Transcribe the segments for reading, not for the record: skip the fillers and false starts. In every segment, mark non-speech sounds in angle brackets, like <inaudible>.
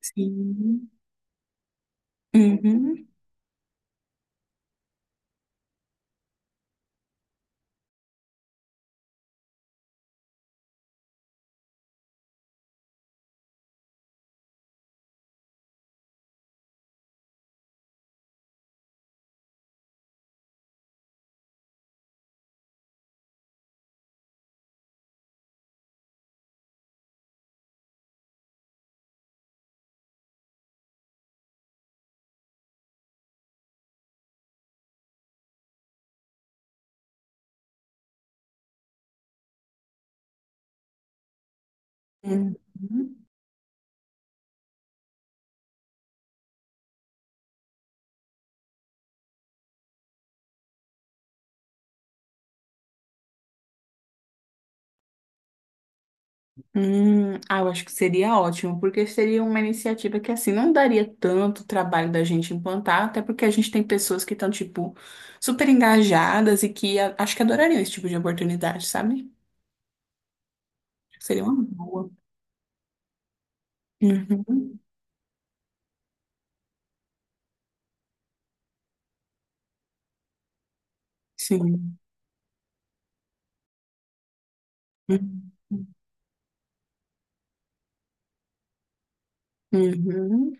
Sim. Uhum. Uhum. Ah, eu acho que seria ótimo, porque seria uma iniciativa que assim não daria tanto trabalho da gente implantar, até porque a gente tem pessoas que estão, tipo, super engajadas e que acho que adorariam esse tipo de oportunidade, sabe? Seria uma boa. Uhum. Sim. Uhum. Uhum.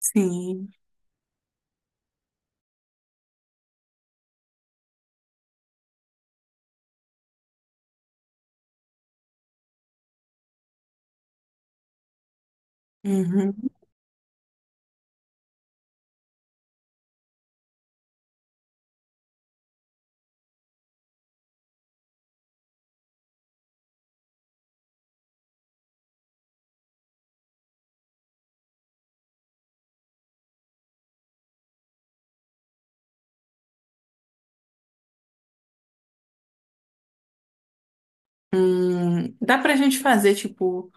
Sim. Uhum. Dá pra gente fazer, tipo,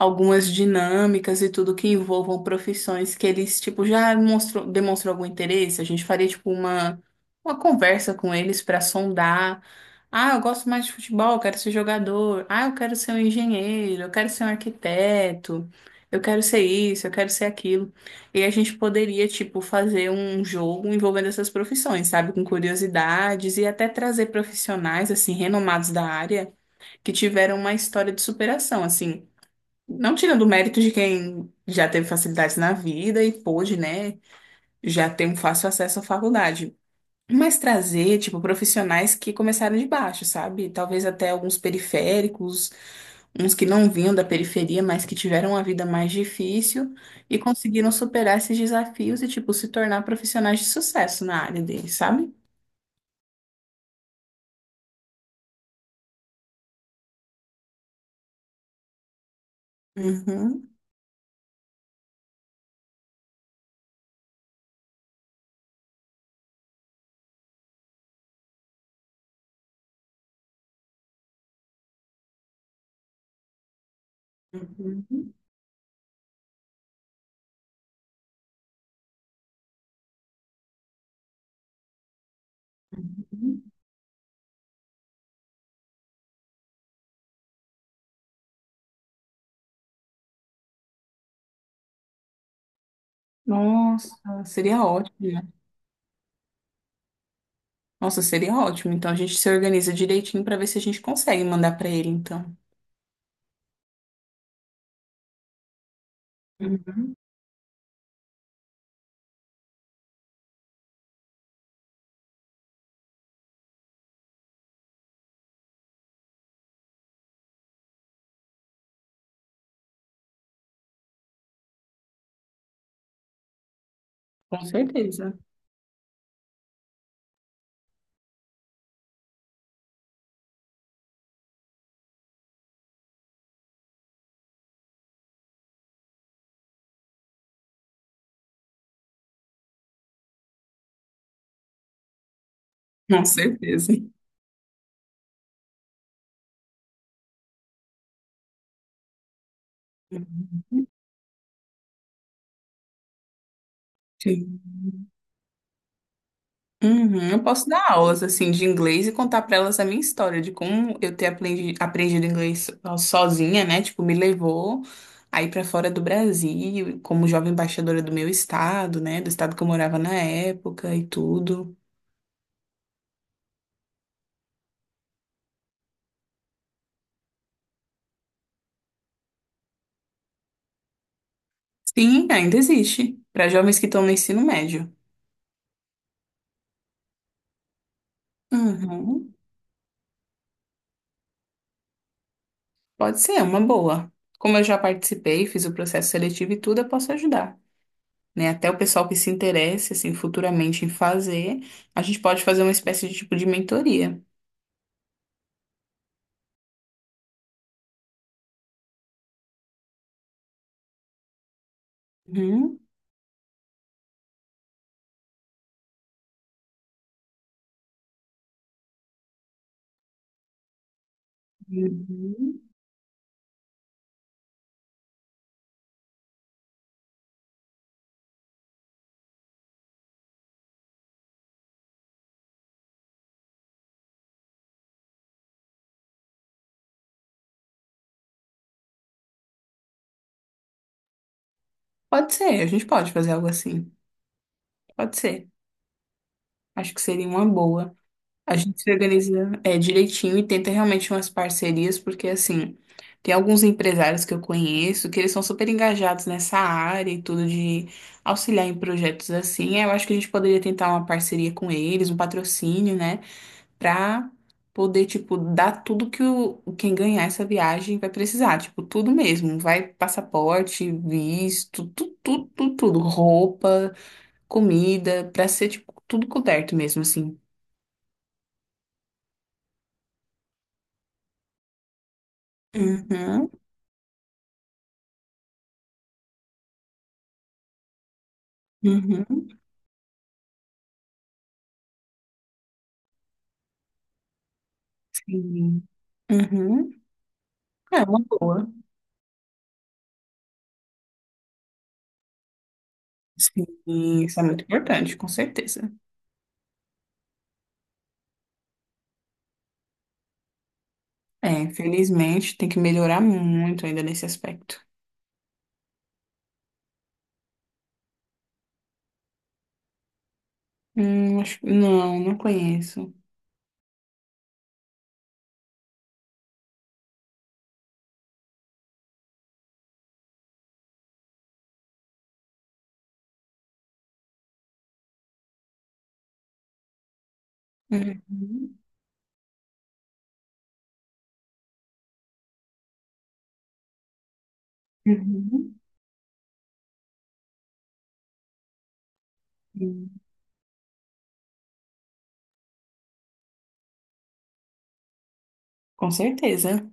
algumas dinâmicas e tudo que envolvam profissões que eles, tipo, já mostrou, demonstrou algum interesse. A gente faria, tipo, uma conversa com eles para sondar. Ah, eu gosto mais de futebol, eu quero ser jogador. Ah, eu quero ser um engenheiro, eu quero ser um arquiteto, eu quero ser isso, eu quero ser aquilo. E a gente poderia, tipo, fazer um jogo envolvendo essas profissões, sabe? Com curiosidades e até trazer profissionais, assim, renomados da área que tiveram uma história de superação, assim. Não tirando o mérito de quem já teve facilidades na vida e pôde, né, já ter um fácil acesso à faculdade. Mas trazer, tipo, profissionais que começaram de baixo, sabe? Talvez até alguns periféricos, uns que não vinham da periferia, mas que tiveram uma vida mais difícil e conseguiram superar esses desafios e, tipo, se tornar profissionais de sucesso na área deles, sabe? Uhum. Uhum. Nossa, seria ótimo. Nossa, seria ótimo. Então a gente se organiza direitinho para ver se a gente consegue mandar para ele, então. Uhum, com certeza. Com certeza. Uhum, sim. Uhum, eu posso dar aulas assim de inglês e contar para elas a minha história de como eu ter aprendido inglês sozinha, né? Tipo, me levou aí para fora do Brasil, como jovem embaixadora do meu estado, né? Do estado que eu morava na época e tudo. Sim, ainda existe para jovens que estão no ensino médio. Uhum. Pode ser, uma boa. Como eu já participei, fiz o processo seletivo e tudo, eu posso ajudar. Né? Até o pessoal que se interesse, assim, futuramente em fazer, a gente pode fazer uma espécie de tipo de mentoria. Uhum. Uhum. Pode ser, a gente pode fazer algo assim. Pode ser. Acho que seria uma boa. A gente se organiza é, direitinho e tenta realmente umas parcerias, porque assim, tem alguns empresários que eu conheço que eles são super engajados nessa área e tudo de auxiliar em projetos assim. Eu acho que a gente poderia tentar uma parceria com eles, um patrocínio, né? Pra poder, tipo, dar tudo que o, quem ganhar essa viagem vai precisar. Tipo, tudo mesmo. Vai passaporte, visto, tudo, tudo, tudo, tudo. Roupa, comida, pra ser, tipo, tudo coberto mesmo, assim. Uhum. Uhum, sim. Uhum. É uma boa. Sim, isso é muito importante, com certeza. É, infelizmente, tem que melhorar muito ainda nesse aspecto. Acho, não, não conheço. Uhum, uhum, sim. Com certeza.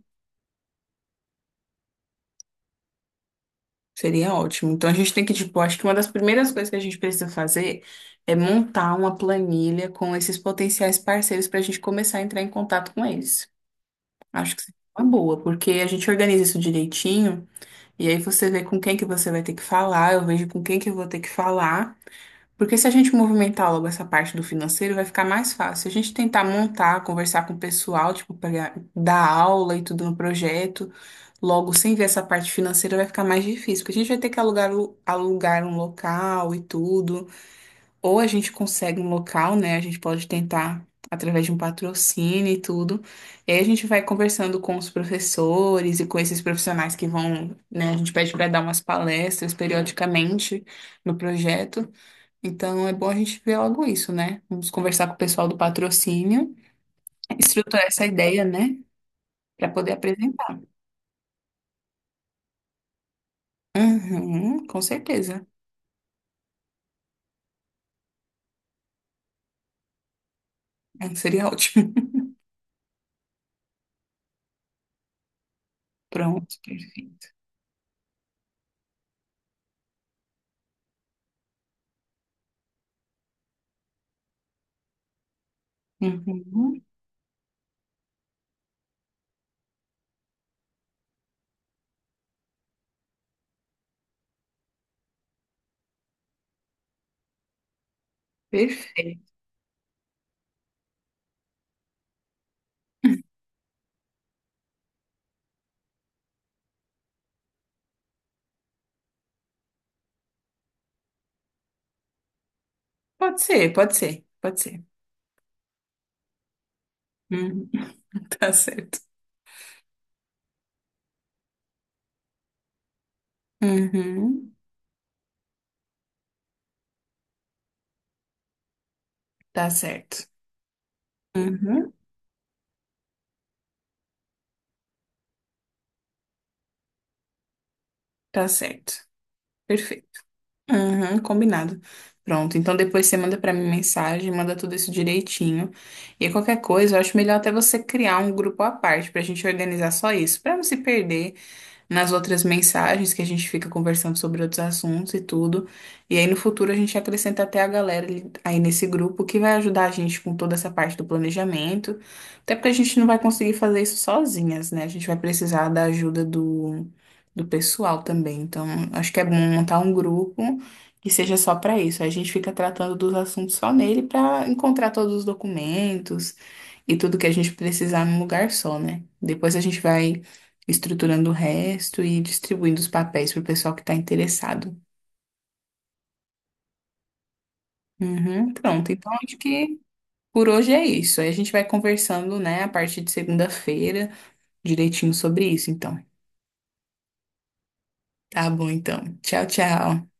Seria ótimo. Então a gente tem que, tipo, acho que uma das primeiras coisas que a gente precisa fazer é montar uma planilha com esses potenciais parceiros para a gente começar a entrar em contato com eles. Acho que seria uma boa, porque a gente organiza isso direitinho. E aí você vê com quem que você vai ter que falar, eu vejo com quem que eu vou ter que falar. Porque se a gente movimentar logo essa parte do financeiro, vai ficar mais fácil. Se a gente tentar montar, conversar com o pessoal, tipo, pegar, dar aula e tudo no projeto, logo sem ver essa parte financeira, vai ficar mais difícil. Porque a gente vai ter que alugar, alugar um local e tudo. Ou a gente consegue um local, né? A gente pode tentar através de um patrocínio e tudo. E aí a gente vai conversando com os professores e com esses profissionais que vão, né? A gente pede para dar umas palestras periodicamente no projeto. Então é bom a gente ver logo isso, né? Vamos conversar com o pessoal do patrocínio, estruturar essa ideia, né? Para poder apresentar. Uhum, com certeza. <laughs> É, seria ótimo. <laughs> Pronto, perfeito. Uhum, perfeito. Pode ser, pode ser, pode ser. Uhum. <laughs> Tá certo. Uhum. Tá certo. Uhum. Tá certo. Perfeito. Uhum. Combinado. Pronto. Então depois você manda pra mim mensagem, manda tudo isso direitinho. E qualquer coisa, eu acho melhor até você criar um grupo à parte pra gente organizar só isso, pra não se perder nas outras mensagens que a gente fica conversando sobre outros assuntos e tudo. E aí no futuro a gente acrescenta até a galera aí nesse grupo que vai ajudar a gente com toda essa parte do planejamento. Até porque a gente não vai conseguir fazer isso sozinhas, né? A gente vai precisar da ajuda do pessoal também. Então, acho que é bom montar um grupo que seja só para isso. A gente fica tratando dos assuntos só nele para encontrar todos os documentos e tudo que a gente precisar num lugar só, né? Depois a gente vai estruturando o resto e distribuindo os papéis para o pessoal que está interessado. Uhum, pronto, então acho que por hoje é isso. Aí a gente vai conversando, né, a partir de segunda-feira, direitinho sobre isso, então. Tá bom, então. Tchau, tchau.